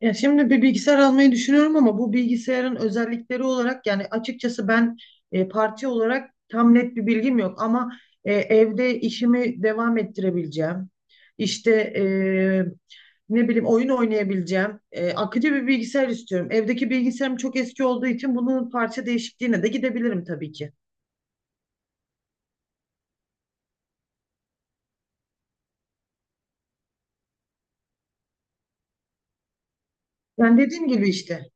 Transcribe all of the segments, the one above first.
Ya şimdi bir bilgisayar almayı düşünüyorum ama bu bilgisayarın özellikleri olarak yani açıkçası ben parça olarak tam net bir bilgim yok ama evde işimi devam ettirebileceğim. İşte e, ne bileyim oyun oynayabileceğim. Akıcı bir bilgisayar istiyorum. Evdeki bilgisayarım çok eski olduğu için bunun parça değişikliğine de gidebilirim tabii ki. Yani dediğim gibi işte.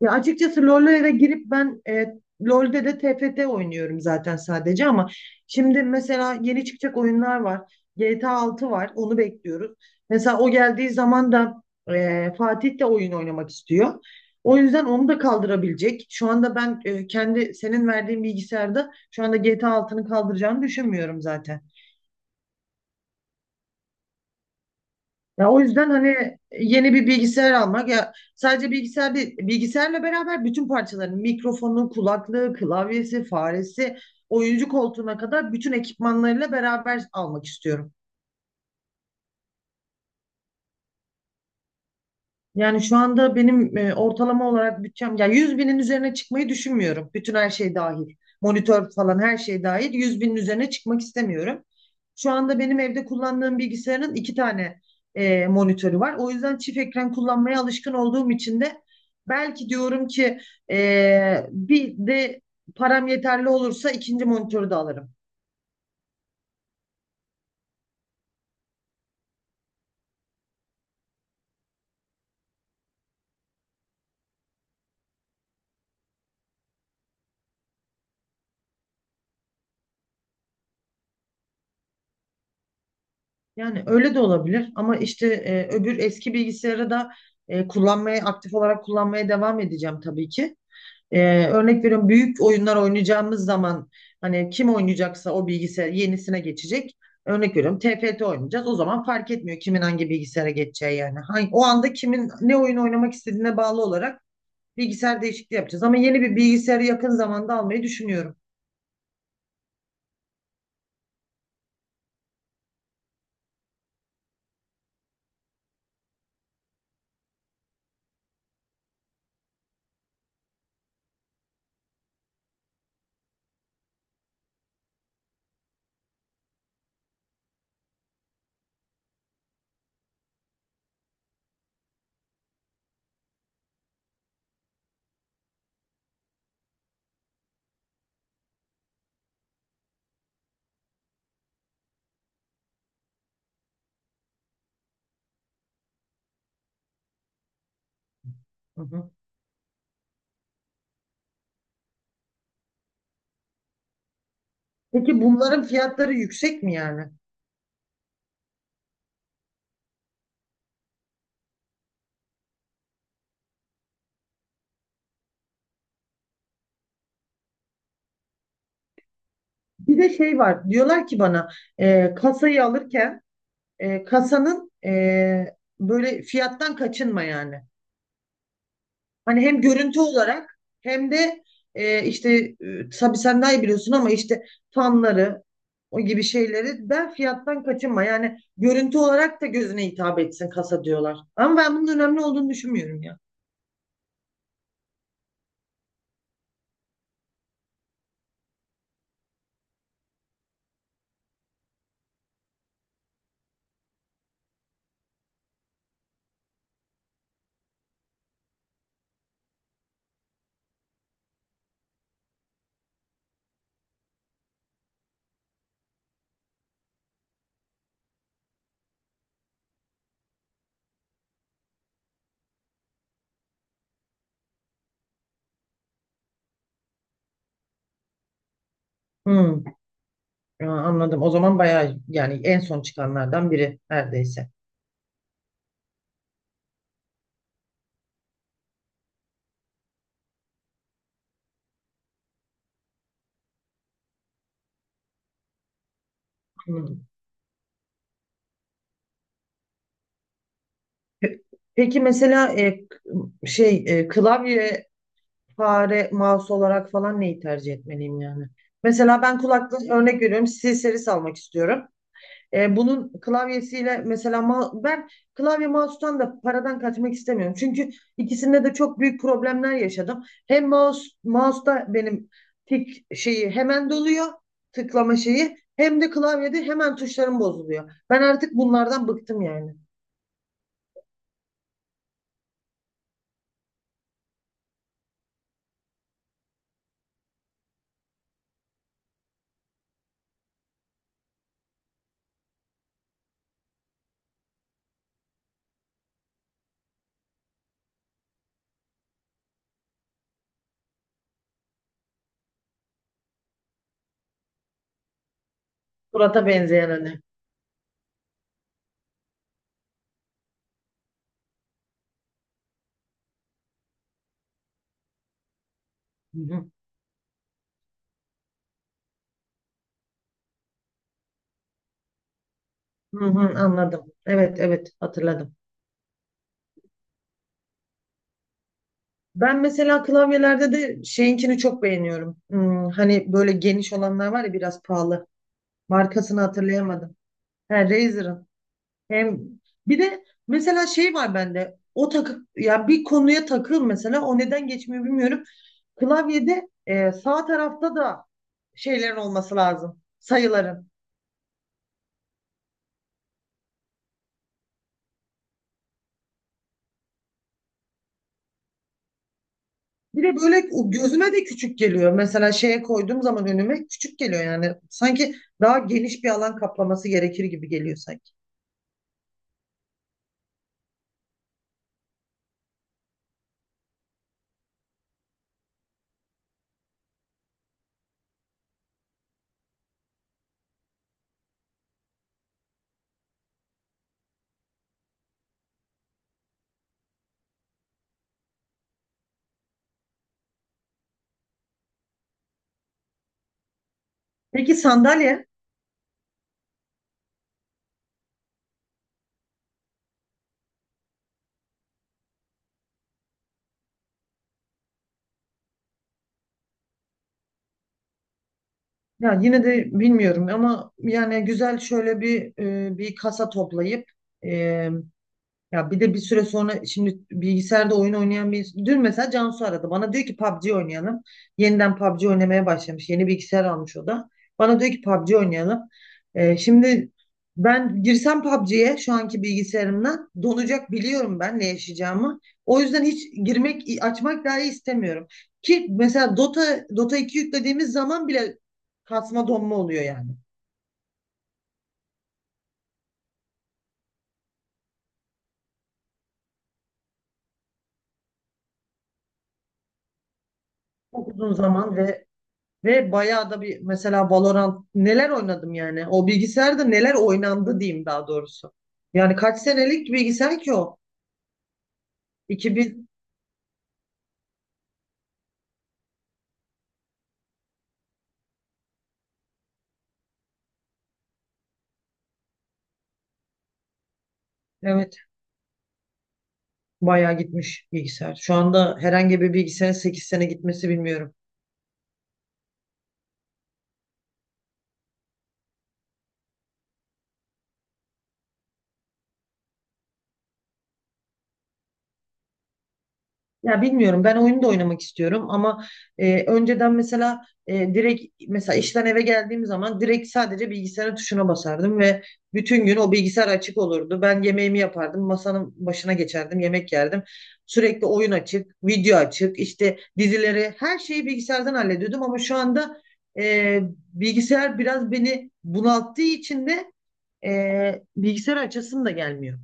Ya açıkçası LoL'e girip ben LoL'de de TFT oynuyorum zaten sadece ama şimdi mesela yeni çıkacak oyunlar var. GTA 6 var. Onu bekliyoruz. Mesela o geldiği zaman da Fatih de oyun oynamak istiyor. O yüzden onu da kaldırabilecek. Şu anda ben kendi senin verdiğin bilgisayarda şu anda GTA 6'nı kaldıracağını düşünmüyorum zaten. Ya o yüzden hani yeni bir bilgisayar almak ya sadece bilgisayar değil, bilgisayarla beraber bütün parçaların mikrofonu, kulaklığı, klavyesi, faresi, oyuncu koltuğuna kadar bütün ekipmanlarıyla beraber almak istiyorum. Yani şu anda benim ortalama olarak bütçem ya 100.000'in üzerine çıkmayı düşünmüyorum. Bütün her şey dahil. Monitör falan her şey dahil. 100.000'in üzerine çıkmak istemiyorum. Şu anda benim evde kullandığım bilgisayarın iki tane monitörü var. O yüzden çift ekran kullanmaya alışkın olduğum için de belki diyorum ki bir de param yeterli olursa ikinci monitörü de alırım. Yani öyle de olabilir ama işte öbür eski bilgisayarı da kullanmaya aktif olarak kullanmaya devam edeceğim tabii ki. Örnek veriyorum büyük oyunlar oynayacağımız zaman hani kim oynayacaksa o bilgisayar yenisine geçecek. Örnek veriyorum TFT oynayacağız. O zaman fark etmiyor kimin hangi bilgisayara geçeceği yani. Hangi, o anda kimin ne oyun oynamak istediğine bağlı olarak bilgisayar değişikliği yapacağız. Ama yeni bir bilgisayarı yakın zamanda almayı düşünüyorum. Hı hı. Peki bunların fiyatları yüksek mi yani? Bir de şey var. Diyorlar ki bana kasayı alırken kasanın böyle fiyattan kaçınma yani. Hani hem görüntü olarak hem de işte tabii sen daha iyi biliyorsun ama işte fanları o gibi şeyleri ben fiyattan kaçınma. Yani görüntü olarak da gözüne hitap etsin kasa diyorlar. Ama ben bunun önemli olduğunu düşünmüyorum ya. Hmm, ya anladım. O zaman bayağı yani en son çıkanlardan biri neredeyse. Hmm. Pe- Peki mesela şey klavye, fare, mouse olarak falan neyi tercih etmeliyim yani? Mesela ben kulaklık örnek veriyorum. Siri serisi almak istiyorum. Bunun klavyesiyle mesela ben klavye mouse'tan da paradan kaçmak istemiyorum. Çünkü ikisinde de çok büyük problemler yaşadım. Hem mouse'da benim tik şeyi hemen doluyor, tıklama şeyi hem de klavyede hemen tuşlarım bozuluyor. Ben artık bunlardan bıktım yani. Surata benzeyen hani. Hı hı. Hı hı, anladım. Evet, evet, hatırladım. Ben mesela klavyelerde de şeyinkini çok beğeniyorum. Hmm, hani böyle geniş olanlar var ya biraz pahalı. Markasını hatırlayamadım. He, Razer'ın. Hem bir de mesela şey var bende. O takı ya bir konuya takıl mesela o neden geçmiyor bilmiyorum. Klavyede sağ tarafta da şeylerin olması lazım. Sayıların. Bir de böyle o gözüme de küçük geliyor. Mesela şeye koyduğum zaman önüme küçük geliyor yani. Sanki daha geniş bir alan kaplaması gerekir gibi geliyor sanki. Peki sandalye? Ya yine de bilmiyorum ama yani güzel şöyle bir bir kasa toplayıp e, ya bir de bir süre sonra şimdi bilgisayarda oyun oynayan bir dün mesela Cansu aradı. Bana diyor ki PUBG oynayalım. Yeniden PUBG oynamaya başlamış. Yeni bilgisayar almış o da. Bana diyor ki PUBG oynayalım. Şimdi ben girsem PUBG'ye şu anki bilgisayarımdan donacak biliyorum ben ne yaşayacağımı. O yüzden hiç girmek, açmak dahi istemiyorum. Ki mesela Dota 2 yüklediğimiz zaman bile kasma donma oluyor yani. Çok uzun zaman ve ve bayağı da bir mesela Valorant neler oynadım yani. O bilgisayarda neler oynandı diyeyim daha doğrusu. Yani kaç senelik bilgisayar ki o? 2000, evet, bayağı gitmiş bilgisayar. Şu anda herhangi bir bilgisayarın 8 sene gitmesi bilmiyorum. Ya bilmiyorum, ben oyunu da oynamak istiyorum ama önceden mesela direkt mesela işten eve geldiğim zaman direkt sadece bilgisayarın tuşuna basardım ve bütün gün o bilgisayar açık olurdu. Ben yemeğimi yapardım, masanın başına geçerdim, yemek yerdim. Sürekli oyun açık, video açık, işte dizileri, her şeyi bilgisayardan hallediyordum ama şu anda e, bilgisayar biraz beni bunalttığı için de bilgisayar açasım da gelmiyor.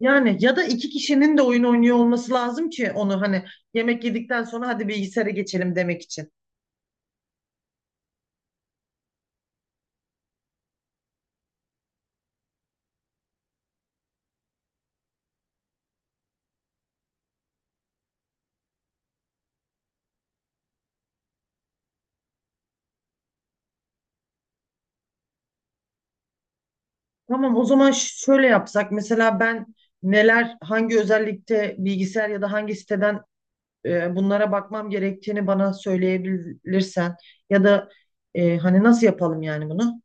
Yani ya da iki kişinin de oyun oynuyor olması lazım ki onu hani yemek yedikten sonra hadi bilgisayara geçelim demek için. Tamam, o zaman şöyle yapsak mesela ben neler hangi özellikte bilgisayar ya da hangi siteden bunlara bakmam gerektiğini bana söyleyebilirsen ya da hani nasıl yapalım yani bunu?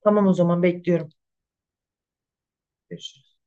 Tamam, o zaman bekliyorum. Görüşürüz.